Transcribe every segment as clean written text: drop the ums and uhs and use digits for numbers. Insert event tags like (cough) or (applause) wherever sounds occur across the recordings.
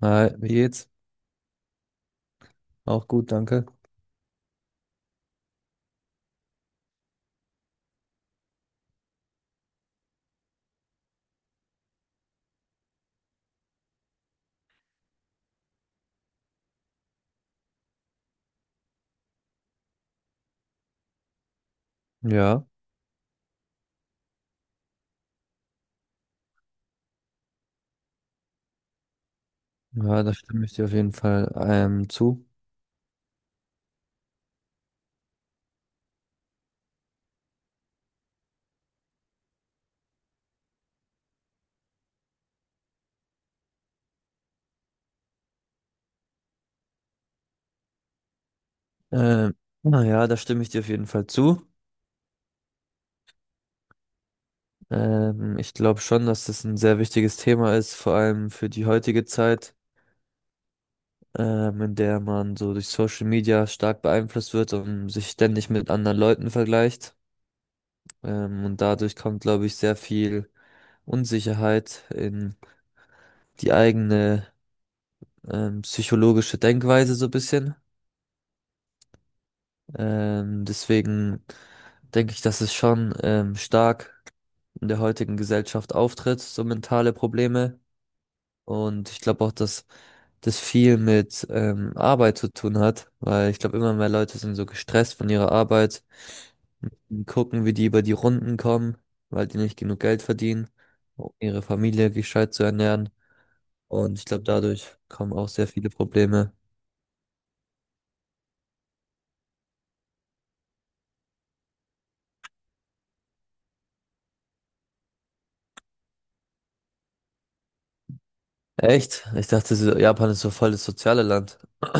Hi, wie geht's? Auch gut, danke. Ja, ja, da stimme ich dir auf jeden Fall zu. Ähm, naja, da stimme ich dir auf jeden Fall zu. Ich glaube schon, dass das ein sehr wichtiges Thema ist, vor allem für die heutige Zeit, in der man so durch Social Media stark beeinflusst wird und sich ständig mit anderen Leuten vergleicht. Und dadurch kommt, glaube ich, sehr viel Unsicherheit in die eigene psychologische Denkweise so ein bisschen. Deswegen denke ich, dass es schon stark in der heutigen Gesellschaft auftritt, so mentale Probleme. Und ich glaube auch, dass das viel mit Arbeit zu tun hat, weil ich glaube, immer mehr Leute sind so gestresst von ihrer Arbeit, gucken, wie die über die Runden kommen, weil die nicht genug Geld verdienen, um ihre Familie gescheit zu ernähren. Und ich glaube, dadurch kommen auch sehr viele Probleme. Echt? Ich dachte, Japan ist so voll das soziale Land. (clears throat)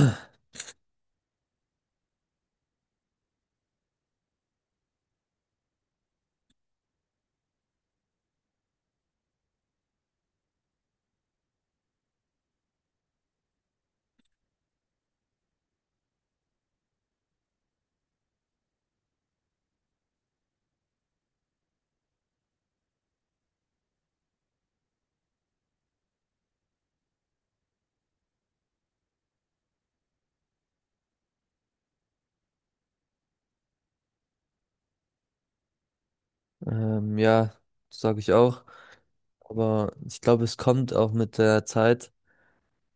Ja, sage ich auch. Aber ich glaube, es kommt auch mit der Zeit.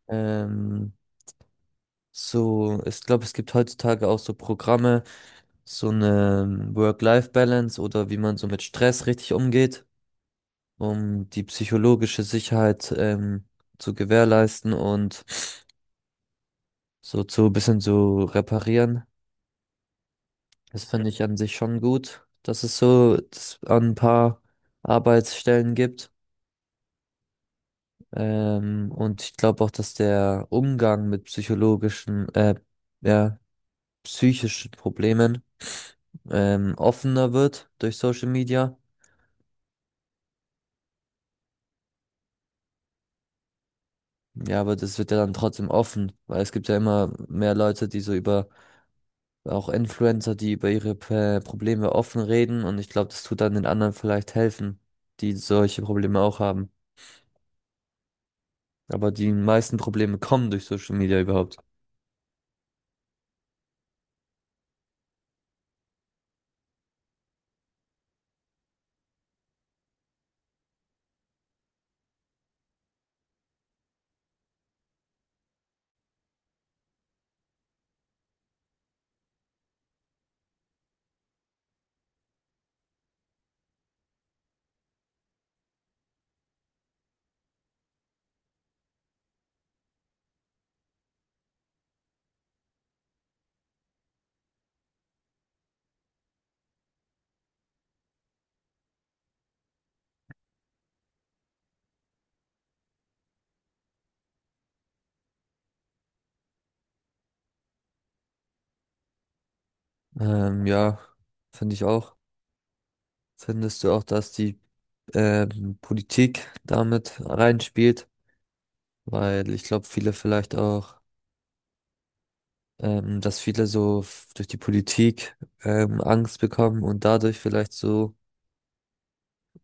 Ähm, so, ich glaube, es gibt heutzutage auch so Programme, so eine Work-Life-Balance oder wie man so mit Stress richtig umgeht, um die psychologische Sicherheit zu gewährleisten und so zu ein bisschen so reparieren. Das finde ich an sich schon gut, dass es so dass an ein paar Arbeitsstellen gibt. Und ich glaube auch, dass der Umgang mit psychologischen, ja, psychischen Problemen offener wird durch Social Media. Ja, aber das wird ja dann trotzdem offen, weil es gibt ja immer mehr Leute, die so über, auch Influencer, die über ihre Probleme offen reden. Und ich glaube, das tut dann den anderen vielleicht helfen, die solche Probleme auch haben. Aber die meisten Probleme kommen durch Social Media überhaupt. Ja, finde ich auch. Findest du auch, dass die Politik damit reinspielt, weil ich glaube, viele vielleicht auch, dass viele so durch die Politik Angst bekommen und dadurch vielleicht so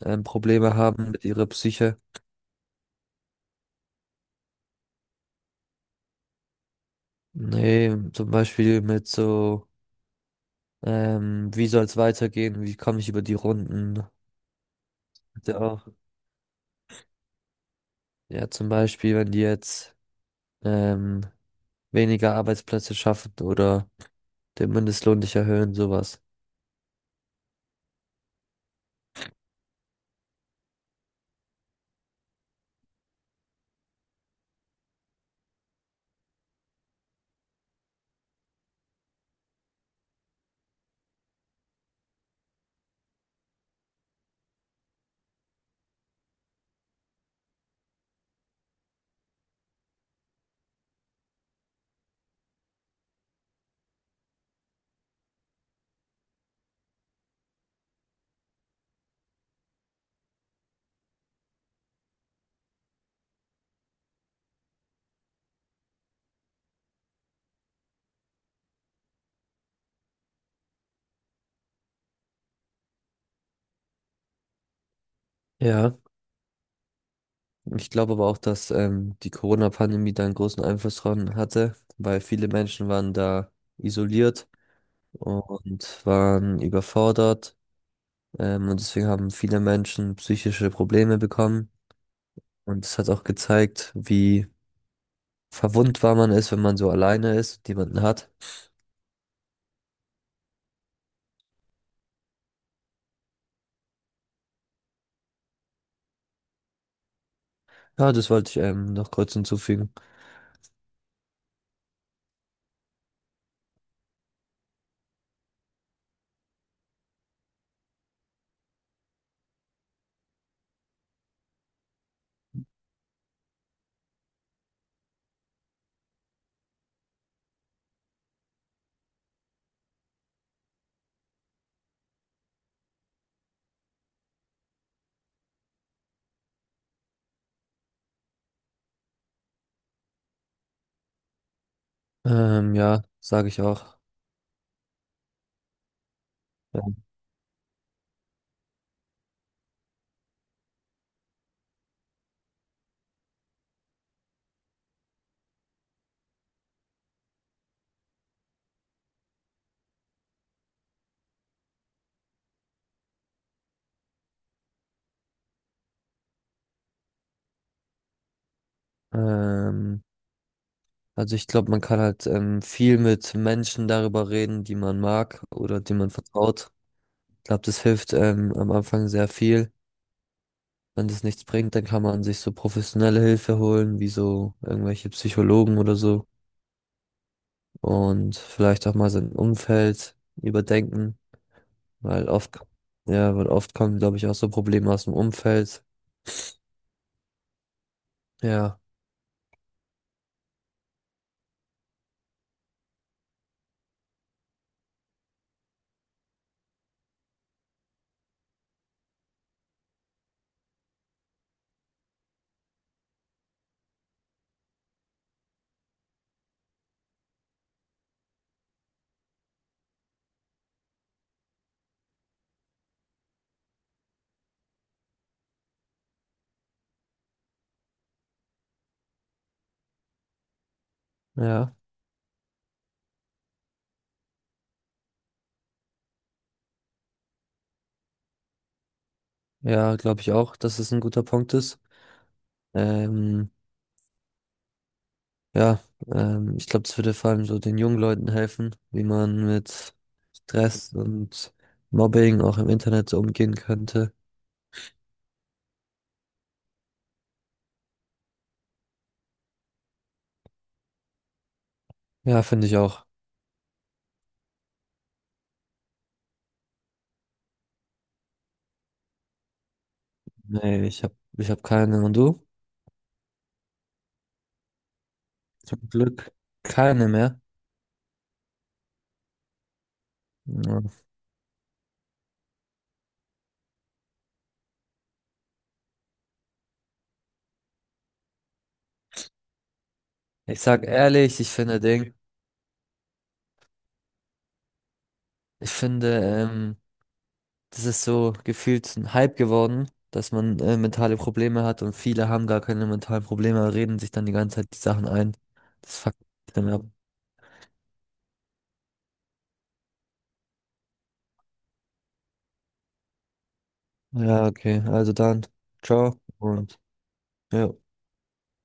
Probleme haben mit ihrer Psyche. Nee, zum Beispiel mit so, wie soll es weitergehen, wie komme ich über die Runden? Hat ja, auch, ja, zum Beispiel, wenn die jetzt ähm, weniger Arbeitsplätze schaffen oder den Mindestlohn nicht erhöhen, sowas. Ja. Ich glaube aber auch, dass die Corona-Pandemie da einen großen Einfluss dran hatte, weil viele Menschen waren da isoliert und waren überfordert. Und deswegen haben viele Menschen psychische Probleme bekommen. Und es hat auch gezeigt, wie verwundbar man ist, wenn man so alleine ist und niemanden hat. Ja, das wollte ich noch kurz hinzufügen. Ja, sage ich auch. Ähm, also ich glaube, man kann halt viel mit Menschen darüber reden, die man mag oder die man vertraut. Ich glaube, das hilft am Anfang sehr viel. Wenn das nichts bringt, dann kann man sich so professionelle Hilfe holen, wie so irgendwelche Psychologen oder so. Und vielleicht auch mal sein Umfeld überdenken, weil oft, ja, weil oft kommen, glaube ich, auch so Probleme aus dem Umfeld. Ja, ja, ja, glaube ich auch, dass es ein guter Punkt ist. Ähm, ja, ich glaube, das würde vor allem so den jungen Leuten helfen, wie man mit Stress und Mobbing auch im Internet so umgehen könnte. Ja, finde ich auch. Nee, ich hab keine. Und du? Zum Glück. Keine mehr. Ja. Ich sag ehrlich, ich finde, ähm, das ist so gefühlt ein Hype geworden, dass man mentale Probleme hat und viele haben gar keine mentalen Probleme, reden sich dann die ganze Zeit die Sachen ein. Das fuckt dann ab. Ja, okay, also dann, ciao und ja.